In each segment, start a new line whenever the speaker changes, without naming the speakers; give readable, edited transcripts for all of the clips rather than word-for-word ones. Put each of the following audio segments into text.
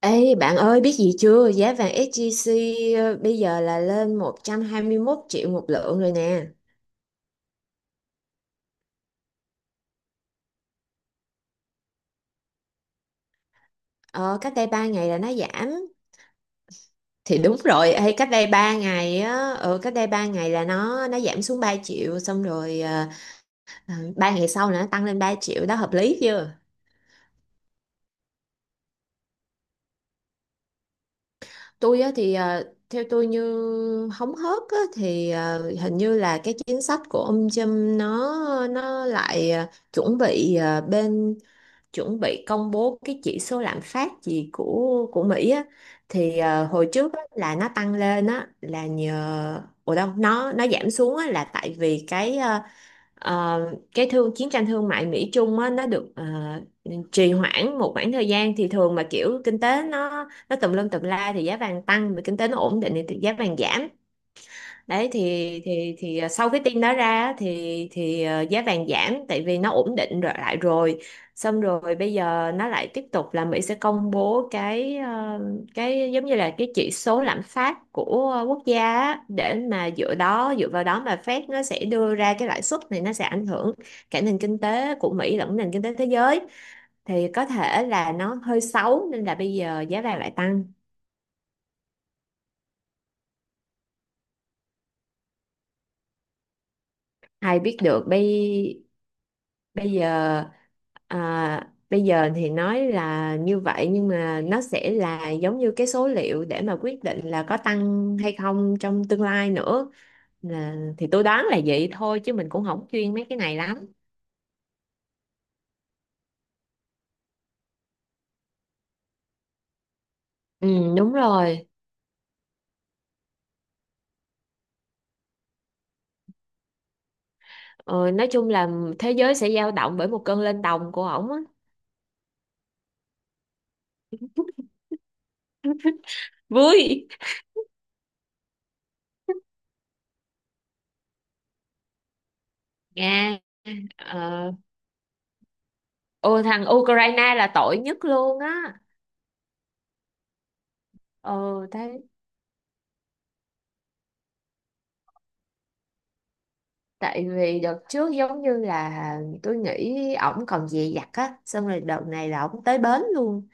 Ê bạn ơi, biết gì chưa? Giá vàng SJC bây giờ là lên 121 triệu một lượng rồi nè. Ờ, Cách đây 3 ngày là nó giảm. Thì đúng rồi ê, Cách đây 3 ngày á, cách đây 3 ngày là nó giảm xuống 3 triệu xong rồi. 3 ngày sau là nó tăng lên 3 triệu đó, hợp lý chưa? Tôi á, theo tôi như hóng hớt á, hình như là cái chính sách của ông Trump nó lại ờ, chuẩn bị ờ, bên chuẩn bị công bố cái chỉ số lạm phát gì của Mỹ á. Hồi trước á, là nó tăng lên á là nhờ ủa đâu nó giảm xuống á, là tại vì ờ, cái thương chiến tranh thương mại Mỹ Trung á, nó được trì hoãn một khoảng thời gian. Thì thường mà kiểu kinh tế nó tùm lum tùm la thì giá vàng tăng, mà kinh tế nó ổn định thì giá vàng giảm. Đấy, thì sau cái tin đó ra á, thì giá vàng giảm tại vì nó ổn định rồi lại rồi. Xong rồi bây giờ nó lại tiếp tục là Mỹ sẽ công bố cái giống như là cái chỉ số lạm phát của quốc gia á, để mà dựa vào đó mà Fed nó sẽ đưa ra cái lãi suất, này nó sẽ ảnh hưởng cả nền kinh tế của Mỹ lẫn nền kinh tế thế giới, thì có thể là nó hơi xấu nên là bây giờ giá vàng lại tăng. Ai biết được bây bây giờ à, bây giờ thì nói là như vậy, nhưng mà nó sẽ là giống như cái số liệu để mà quyết định là có tăng hay không trong tương lai nữa. Là, thì tôi đoán là vậy thôi chứ mình cũng không chuyên mấy cái này lắm. Ừ, đúng rồi. Ờ, nói chung là thế giới sẽ dao động bởi một cơn lên đồng của ổng á. Vui. Nga. ờ, Ô, thằng Ukraine là tội nhất luôn á. Ờ. Thế. Tại vì đợt trước giống như là tôi nghĩ ổng còn dè dặt á, xong rồi đợt này là ổng tới bến luôn,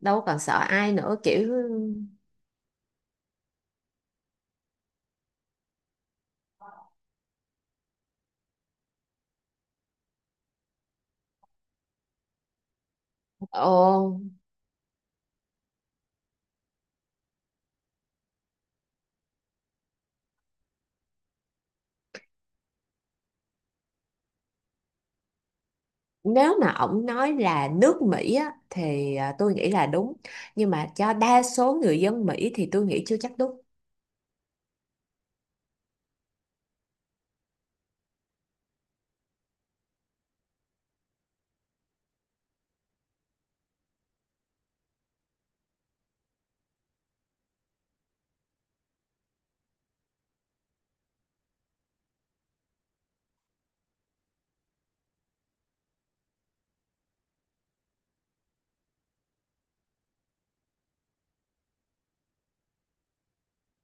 đâu còn sợ ai nữa kiểu. Ồ. Nếu mà ổng nói là nước Mỹ á thì tôi nghĩ là đúng, nhưng mà cho đa số người dân Mỹ thì tôi nghĩ chưa chắc đúng.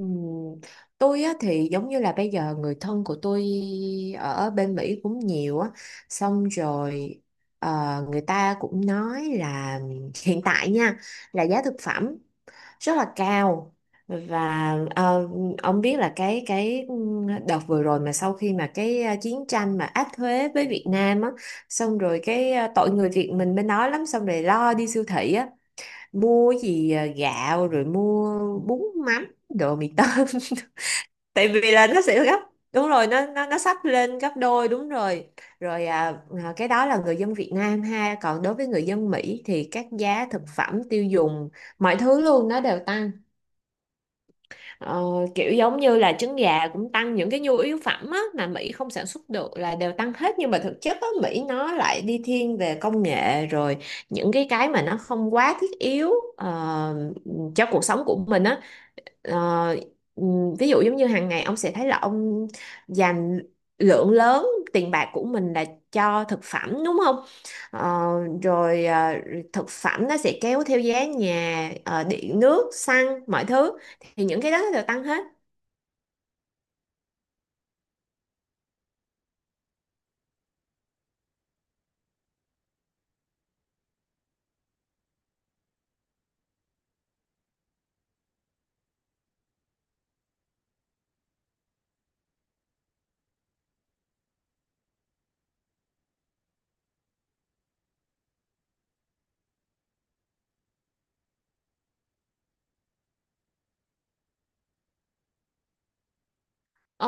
Ừm, tôi á thì giống như là bây giờ người thân của tôi ở bên Mỹ cũng nhiều á. Xong rồi người ta cũng nói là hiện tại nha, là giá thực phẩm rất là cao. Và ông biết là cái đợt vừa rồi mà sau khi mà chiến tranh mà áp thuế với Việt Nam á, xong rồi tội người Việt mình bên đó lắm, xong rồi lo đi siêu thị á, mua gì gạo rồi mua bún mắm đồ mì tôm. Tại vì là nó sẽ gấp, đúng rồi, nó sắp lên gấp đôi, đúng rồi. rồi à, cái đó là người dân Việt Nam ha, còn đối với người dân Mỹ thì các giá thực phẩm tiêu dùng mọi thứ luôn nó đều tăng. Ờ, kiểu giống như là trứng gà cũng tăng, những cái nhu yếu phẩm á, mà Mỹ không sản xuất được là đều tăng hết. Nhưng mà thực chất á, Mỹ nó lại đi thiên về công nghệ rồi, những cái mà nó không quá thiết yếu ờ, cho cuộc sống của mình á. Ờ, ví dụ giống như hàng ngày ông sẽ thấy là ông dành lượng lớn tiền bạc của mình là cho thực phẩm, đúng không? Ờ, rồi thực phẩm nó sẽ kéo theo giá nhà, điện nước, xăng, mọi thứ, thì những cái đó nó đều tăng hết. Ờ,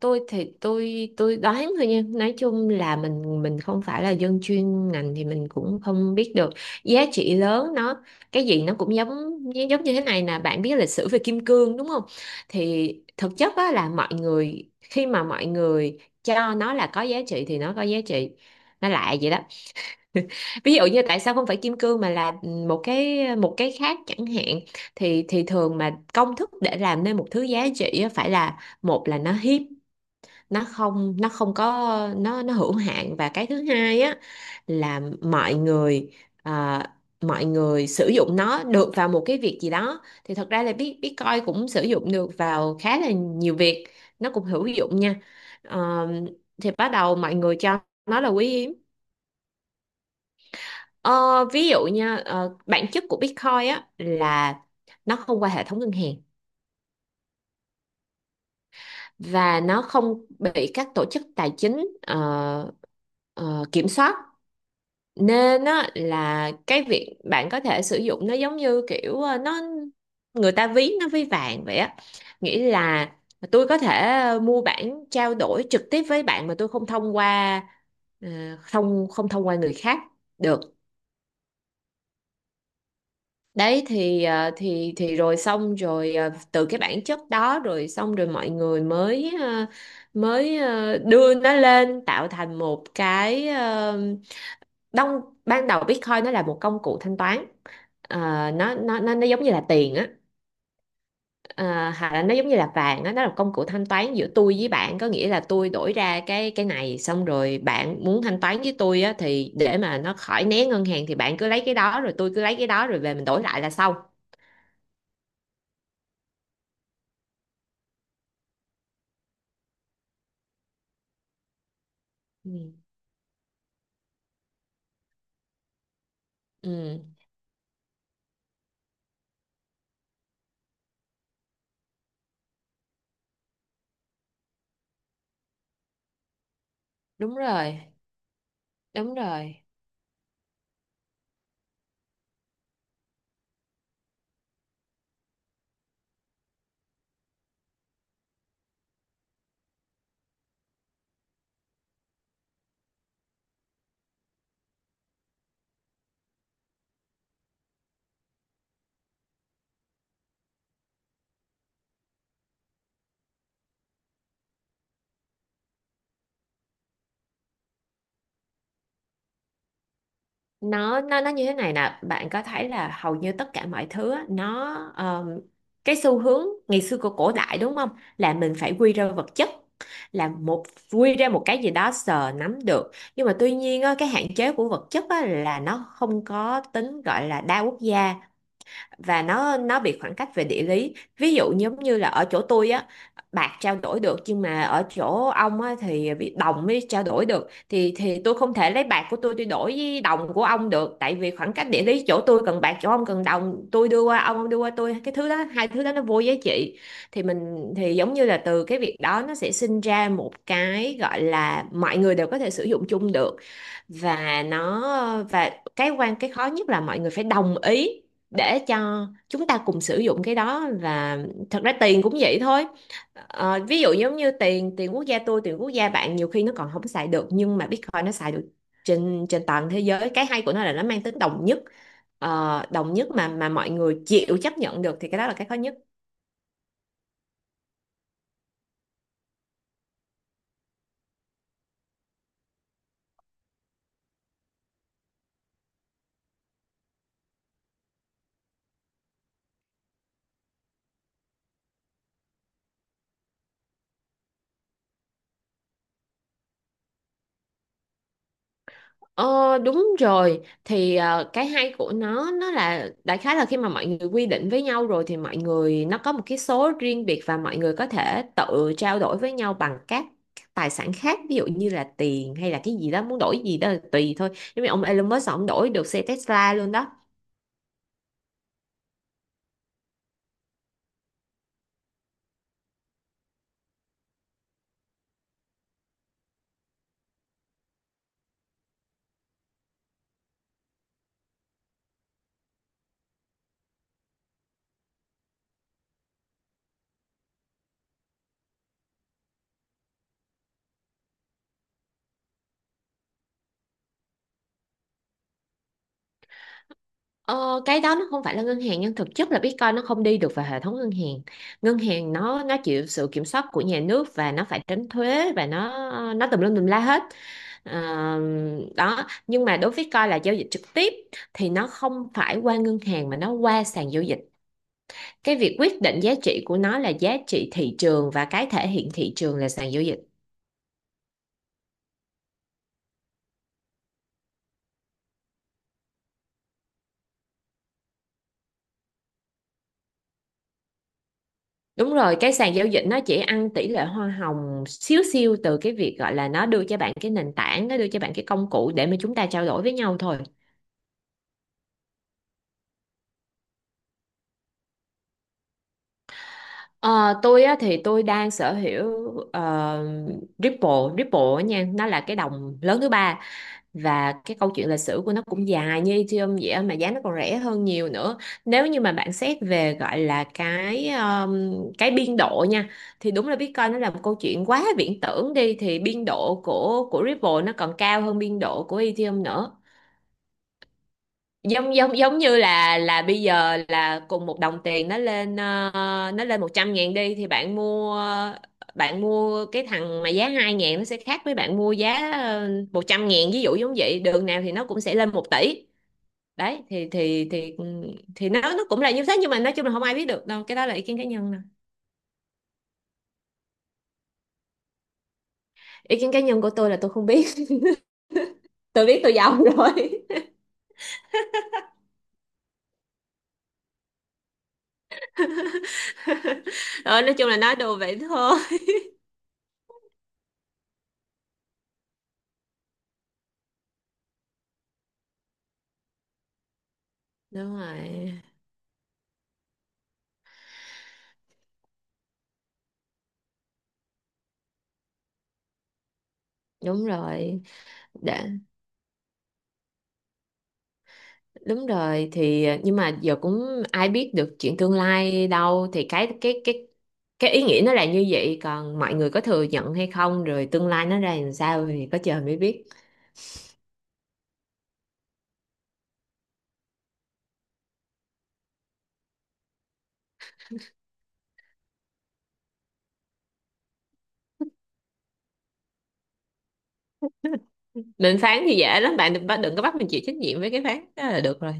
tôi thì tôi đoán thôi nha, nói chung là mình không phải là dân chuyên ngành thì mình cũng không biết được giá trị lớn nó cái gì. Nó cũng giống giống như thế này nè, bạn biết lịch sử về kim cương đúng không? Thì thực chất á, là mọi người khi mà mọi người cho nó là có giá trị thì nó có giá trị, nó lại vậy đó. Ví dụ như tại sao không phải kim cương mà là một cái khác chẳng hạn. Thì Thường mà công thức để làm nên một thứ giá trị á, phải là, một là nó hiếm, nó không có, nó hữu hạn. Và cái thứ hai á là mọi người à, mọi người sử dụng nó được vào một cái việc gì đó. Thì thật ra là Bitcoin cũng sử dụng được vào khá là nhiều việc, nó cũng hữu dụng nha. Ờ, thì bắt đầu mọi người cho nó là quý hiếm. Ờ, ví dụ nha, bản chất của Bitcoin á là nó không qua hệ thống ngân hàng, và nó không bị các tổ chức tài chính kiểm soát. Nên á là cái việc bạn có thể sử dụng nó giống như kiểu nó, người ta ví nó ví vàng vậy á. Nghĩa là tôi có thể mua bản trao đổi trực tiếp với bạn mà tôi không thông qua, ờ, không không thông qua người khác được. Đấy thì rồi xong rồi, từ cái bản chất đó rồi xong rồi mọi người mới đưa nó lên tạo thành đông. Ban đầu Bitcoin nó là một công cụ thanh toán. Ờ, nó giống như là tiền á. Ờ, hoặc là nó giống như là vàng á, nó là công cụ thanh toán giữa tôi với bạn. Có nghĩa là tôi đổi ra cái này, xong rồi bạn muốn thanh toán với tôi á thì để mà nó khỏi né ngân hàng thì bạn cứ lấy cái đó rồi tôi cứ lấy cái đó rồi về mình đổi lại là xong. Ừ, đúng rồi, đúng rồi. Nó như thế này nè, bạn có thấy là hầu như tất cả mọi thứ á, nó cái xu hướng ngày xưa của cổ đại đúng không? Là mình phải quy ra vật chất, là một, quy ra một cái gì đó sờ nắm được. Nhưng mà tuy nhiên á, cái hạn chế của vật chất á, là nó không có tính gọi là đa quốc gia, và nó bị khoảng cách về địa lý. Ví dụ giống như là ở chỗ tôi á bạc trao đổi được, nhưng mà ở chỗ ông á thì bị đồng mới trao đổi được, thì tôi không thể lấy bạc của tôi đổi với đồng của ông được, tại vì khoảng cách địa lý, chỗ tôi cần bạc chỗ ông cần đồng, tôi đưa qua ông đưa qua tôi cái thứ đó, hai thứ đó nó vô giá trị. Thì giống như là từ cái việc đó nó sẽ sinh ra một cái gọi là mọi người đều có thể sử dụng chung được. và nó và cái cái khó nhất là mọi người phải đồng ý để cho chúng ta cùng sử dụng cái đó. Và thật ra tiền cũng vậy thôi. Ờ, ví dụ giống như tiền tiền quốc gia tôi, tiền quốc gia bạn, nhiều khi nó còn không xài được, nhưng mà Bitcoin nó xài được trên trên toàn thế giới. Cái hay của nó là nó mang tính đồng nhất. Ờ, đồng nhất mà mọi người chịu chấp nhận được, thì cái đó là cái khó nhất. Ờ, đúng rồi, cái hay của nó là đại khái là khi mà mọi người quy định với nhau rồi thì mọi người nó có một cái số riêng biệt, và mọi người có thể tự trao đổi với nhau bằng các tài sản khác, ví dụ như là tiền hay là cái gì đó, muốn đổi gì đó là tùy thôi. Giống như ông Elon Musk ông đổi được xe Tesla luôn đó. Ờ, cái đó nó không phải là ngân hàng, nhưng thực chất là Bitcoin nó không đi được vào hệ thống ngân hàng. Ngân hàng nó chịu sự kiểm soát của nhà nước và nó phải tránh thuế và nó tùm lum tùm la hết. Ờ, đó, nhưng mà đối với Bitcoin là giao dịch trực tiếp thì nó không phải qua ngân hàng mà nó qua sàn giao dịch. Cái việc quyết định giá trị của nó là giá trị thị trường, và cái thể hiện thị trường là sàn giao dịch. Đúng rồi, cái sàn giao dịch nó chỉ ăn tỷ lệ hoa hồng xíu xiu từ cái việc gọi là nó đưa cho bạn cái nền tảng, nó đưa cho bạn cái công cụ để mà chúng ta trao đổi với nhau thôi. Ờ, tôi á, thì tôi đang sở hữu ờ, Ripple. Ripple á nha, nó là cái đồng lớn thứ ba, và cái câu chuyện lịch sử của nó cũng dài như Ethereum vậy á, mà giá nó còn rẻ hơn nhiều nữa. Nếu như mà bạn xét về gọi là cái biên độ nha, thì đúng là Bitcoin nó là một câu chuyện quá viễn tưởng đi, thì biên độ của Ripple nó còn cao hơn biên độ của Ethereum nữa. Giống giống Giống như là bây giờ là cùng một đồng tiền nó lên nó lên 100 ngàn đi, thì bạn mua cái thằng mà giá 2 ngàn nó sẽ khác với bạn mua giá 100 ngàn. Ví dụ giống vậy, đường nào thì nó cũng sẽ lên 1 tỷ. Đấy thì nó cũng là như thế, nhưng mà nói chung là không ai biết được đâu, cái đó là ý kiến cá nhân nè. Ý kiến cá nhân của tôi là tôi không biết. Tôi biết tôi giàu rồi. Rồi, nói chung là nói đùa vậy thôi. Đúng rồi, đúng rồi, để. Đúng rồi, nhưng mà giờ cũng ai biết được chuyện tương lai đâu, thì cái ý nghĩa nó là như vậy, còn mọi người có thừa nhận hay không, rồi tương lai nó ra làm sao thì có trời mới biết. Định phán thì dễ lắm, bạn đừng đừng có bắt mình chịu trách nhiệm với cái phán đó là được rồi.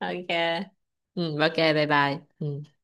Ok. Ừ, ok, bye bye. Ừ.